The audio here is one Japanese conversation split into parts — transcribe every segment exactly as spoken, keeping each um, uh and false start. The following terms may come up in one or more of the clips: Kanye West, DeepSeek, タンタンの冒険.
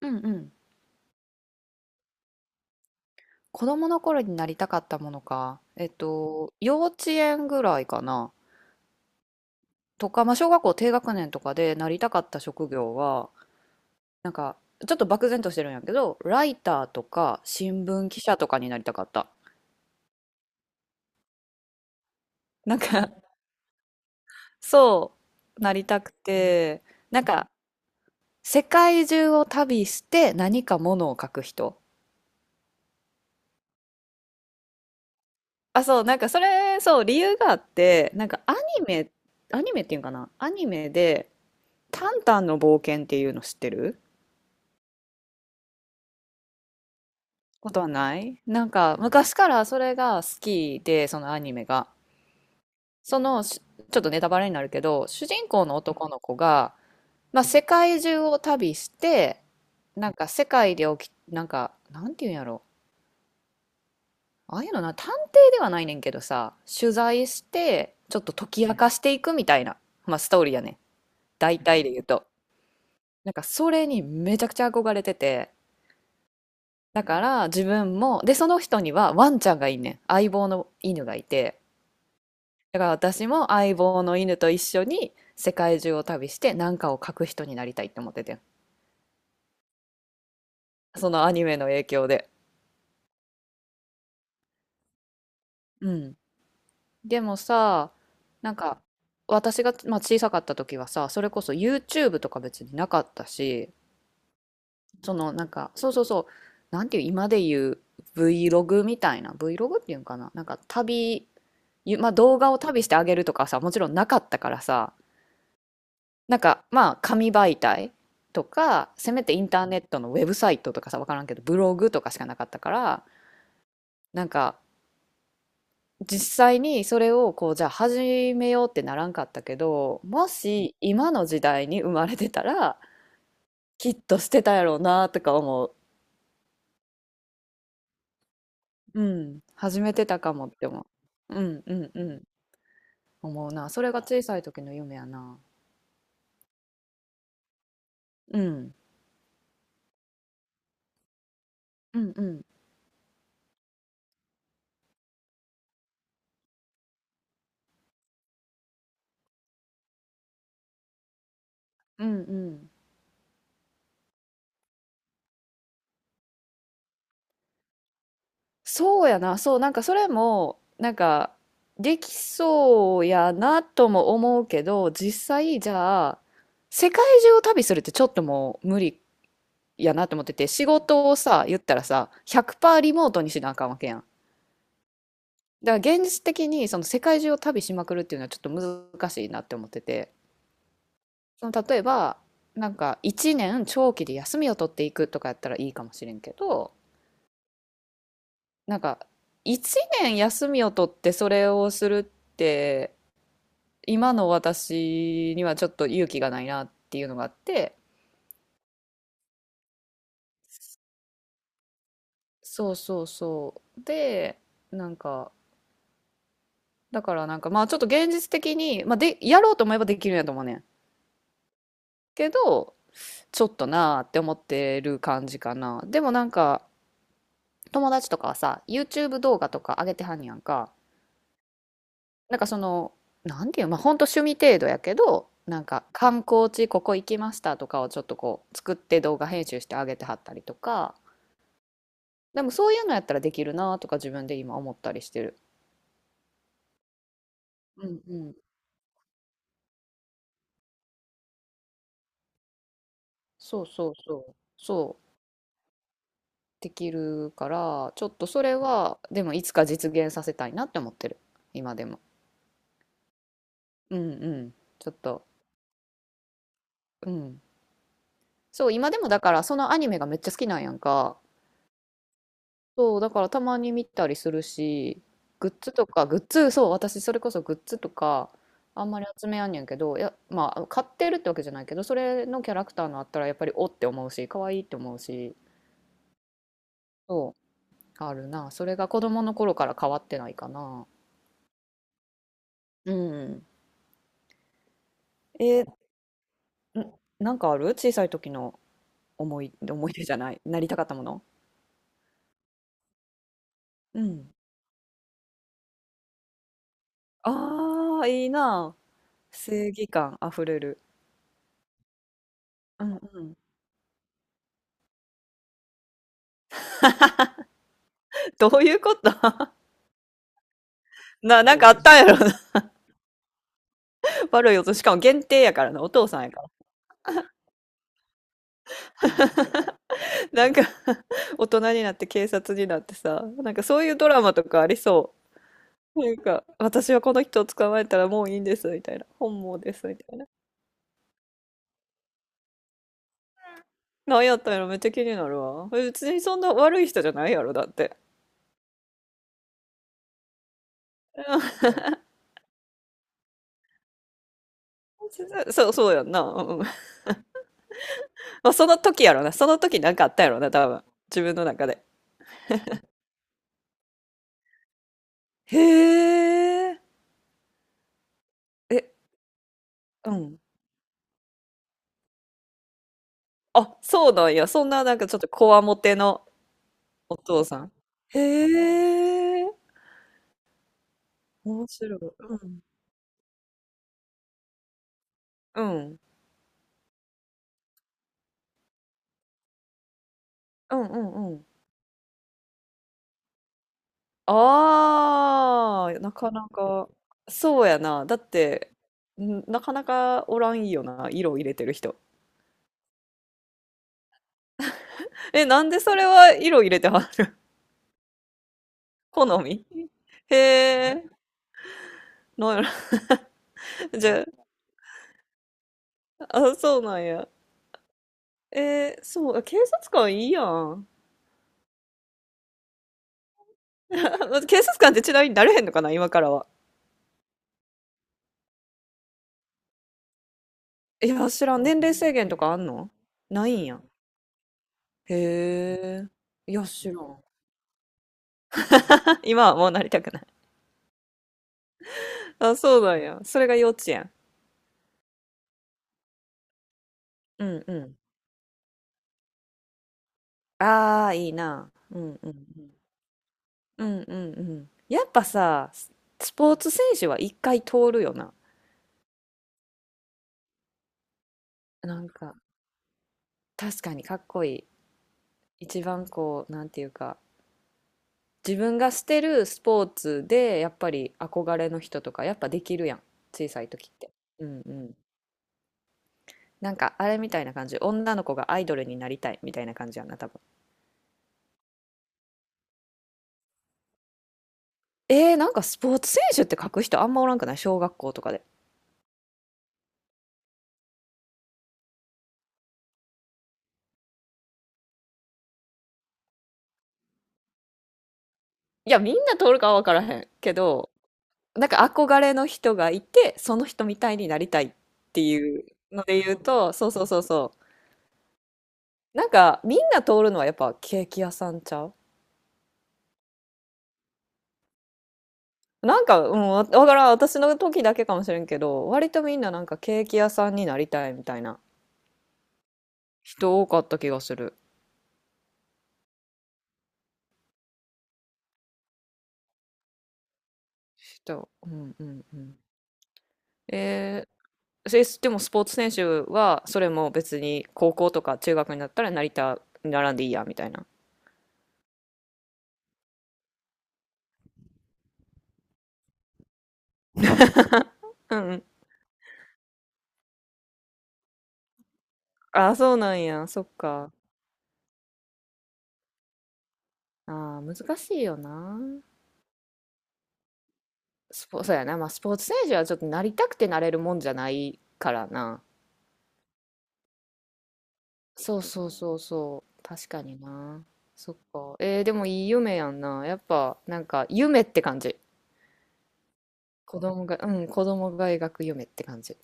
うんうん。子供の頃になりたかったものか。えっと、幼稚園ぐらいかな。とか、まあ、小学校低学年とかでなりたかった職業は、なんか、ちょっと漠然としてるんやけど、ライターとか新聞記者とかになりたかった。なんか、そう、なりたくて、なんか、世界中を旅して何かものを書く人。あ、そう、なんかそれ、そう、理由があって、なんかアニメ、アニメっていうんかな、アニメで、タンタンの冒険っていうの知ってる？ことはない。なんか昔からそれが好きで、そのアニメが。その、しちょっとネタバレになるけど、主人公の男の子が、まあ、世界中を旅して、なんか世界で起き、なんか、なんていうんやろ。ああいうのな、探偵ではないねんけどさ、取材して、ちょっと解き明かしていくみたいな、まあ、ストーリーやね。大体で言うと。なんかそれにめちゃくちゃ憧れてて、だから自分も、で、その人にはワンちゃんがいんねん。相棒の犬がいて。だから私も相棒の犬と一緒に世界中を旅して何かを書く人になりたいって思っててん。そのアニメの影響で。うん。でもさ、なんか私が、まあ、小さかった時はさ、それこそ YouTube とか別になかったし、そのなんか、そうそうそう、なんていう、今で言う Vlog みたいな、Vlog っていうんかな、なんか旅、ゆまあ、動画を旅してあげるとかさ、もちろんなかったからさ、なんかまあ、紙媒体とかせめてインターネットのウェブサイトとかさ、分からんけどブログとかしかなかったから、なんか実際にそれをこう、じゃあ始めようってならんかったけど、もし今の時代に生まれてたらきっとしてたやろうなとか思う。うん、始めてたかもって思う。うんうんうん。思うな、それが小さい時の夢やな。うんうんうんうんうん。そうやな、そう、なんかそれも、なんか、できそうやなとも思うけど、実際、じゃあ、世界中を旅するってちょっともう無理やなと思ってて、仕事をさ、言ったらさ、ひゃくパーセントリモートにしなあかんわけやん。だから現実的にその世界中を旅しまくるっていうのはちょっと難しいなって思ってて、その例えば、なんかいちねん長期で休みを取っていくとかやったらいいかもしれんけど、なんかいちねん休みを取ってそれをするって、今の私にはちょっと勇気がないなっていうのがあって、そうそうそう。で、なんか、だから、なんか、まあ、ちょっと現実的に、まあ、でやろうと思えばできるんやと思うねんけど、ちょっとなーって思ってる感じかな。でもなんか、友達とかはさ YouTube 動画とか上げてはんやんか。なんかその、なんていう、まあほんと趣味程度やけど、なんか観光地ここ行きましたとかをちょっとこう作って、動画編集してあげてはったりとか、でもそういうのやったらできるなとか自分で今思ったりしてる。うんうん。そうそうそう。そう。できるから、ちょっとそれは、でもいつか実現させたいなって思ってる。今でも。うんうん。ちょっと。うん。そう、今でもだからそのアニメがめっちゃ好きなんやんか。そう、だからたまに見たりするし、グッズとか、グッズ、そう、私それこそグッズとか、あんまり集めやんねんけど、いや、まあ、買ってるってわけじゃないけど、それのキャラクターのあったらやっぱりおって思うし、可愛いって思うし、そう、あるな。それが子供の頃から変わってないかな。うん。えー、んなんかある、小さい時の思い、思い出じゃない。なりたかったもの。うん。ああ、いいな。正義感あふれる。うんうん。どういうこと な、なんかあったんやろな。悪い音。しかも限定やからな。お父さんやから。なんか 大人になって警察になってさ。なんかそういうドラマとかありそう。なんか、私はこの人を捕まえたらもういいんです、みたいな。本望です、みたいな。なんやったんやろ、めっちゃ気になるわ。別にそんな悪い人じゃないやろ、だって。うん そう、そうやんな。うん、まあ、その時やろな。その時なんかあったやろな、多分。自分の中で。へえ。え、うん。あ、そうなんや。そんななんかちょっとこわもてのお父さん。へえ。面白い。うん。うん。うんうんうん。ああ、なかなか。そうやな。だって、んなかなかおらんよな。色を入れてる人。え、なんでそれは色入れてはん？ 好み。へえ、なんやろ。じゃあ、あ、そうなんや。えー、そう、警察官いいやん。警察官ってちなみになれへんのかな、今からは。いや、知らん。年齢制限とかあんの？ないんや。へえ。いや、知らん。今はもうなりたくない。あ、そうなんや。それが幼稚園。うんうん。ああ、いいな。うんうんうん。うんうんうん。やっぱさ、ススポーツ選手は一回通るよな。なんか、確かにかっこいい。一番こう、なんていうか、自分がしてるスポーツで、やっぱり憧れの人とか、やっぱできるやん。小さい時って。うんうん。なんか、あれみたいな感じ。女の子がアイドルになりたいみたいな感じやんな、多分。えー、なんかスポーツ選手って書く人あんまおらんくない？小学校とかで。いや、みんな通るかは分からへんけど、なんか憧れの人がいて、その人みたいになりたいっていうので言うと、そうそうそうそう。なんか、みんな通るのはやっぱケーキ屋さんちゃう？なんか、うん、わわからん、私の時だけかもしれんけど、割とみんななんかケーキ屋さんになりたいみたいな人多かった気がする。人、うんうんうん。えー、えでもスポーツ選手はそれも別に高校とか中学になったらなりた、並んでいいやみたいな。うんうん。ああ、そうなんや。そっか。ああ、難しいよな。スポ、そうやな。まあスポーツ選手はちょっとなりたくてなれるもんじゃないからな。そうそうそうそう。確かにな。そっか。えー、でもいい夢やんな。やっぱ、なんか、夢って感じ。子供が、うん、子供が描く夢って感じ。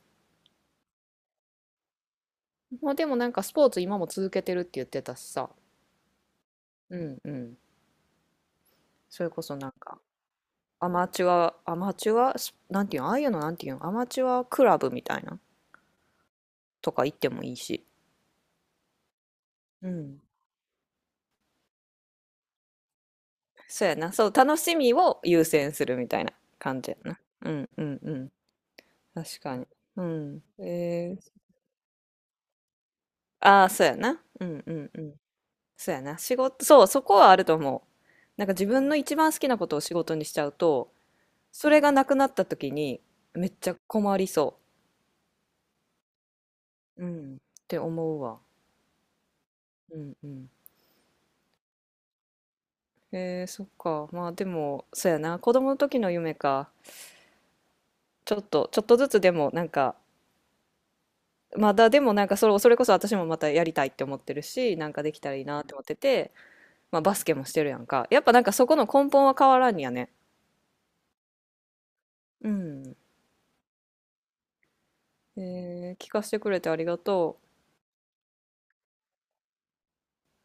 まあでもなんかスポーツ今も続けてるって言ってたしさ。うんうん。それこそなんか、アマチュア、アマチュア、スなんていうの、ああいうのなんていうの、アマチュアクラブみたいなとか行ってもいいし。うん。そうやな。そう、楽しみを優先するみたいな感じやな。うんうんうん。確かに。うん。えーああ、そうやな。うんうんうん。そうやな。仕事、そう、そこはあると思う。なんか自分の一番好きなことを仕事にしちゃうと、それがなくなった時にめっちゃ困りそう。うん。って思うわ。うんうん。えー、そっか。まあでも、そうやな。子供の時の夢か。ちょっと、ちょっとずつでもなんか、まだでもなんかそれ、それこそ私もまたやりたいって思ってるし、なんかできたらいいなって思ってて、まあバスケもしてるやんか。やっぱなんかそこの根本は変わらんやね。うん。えー、聞かせてくれてありがとう。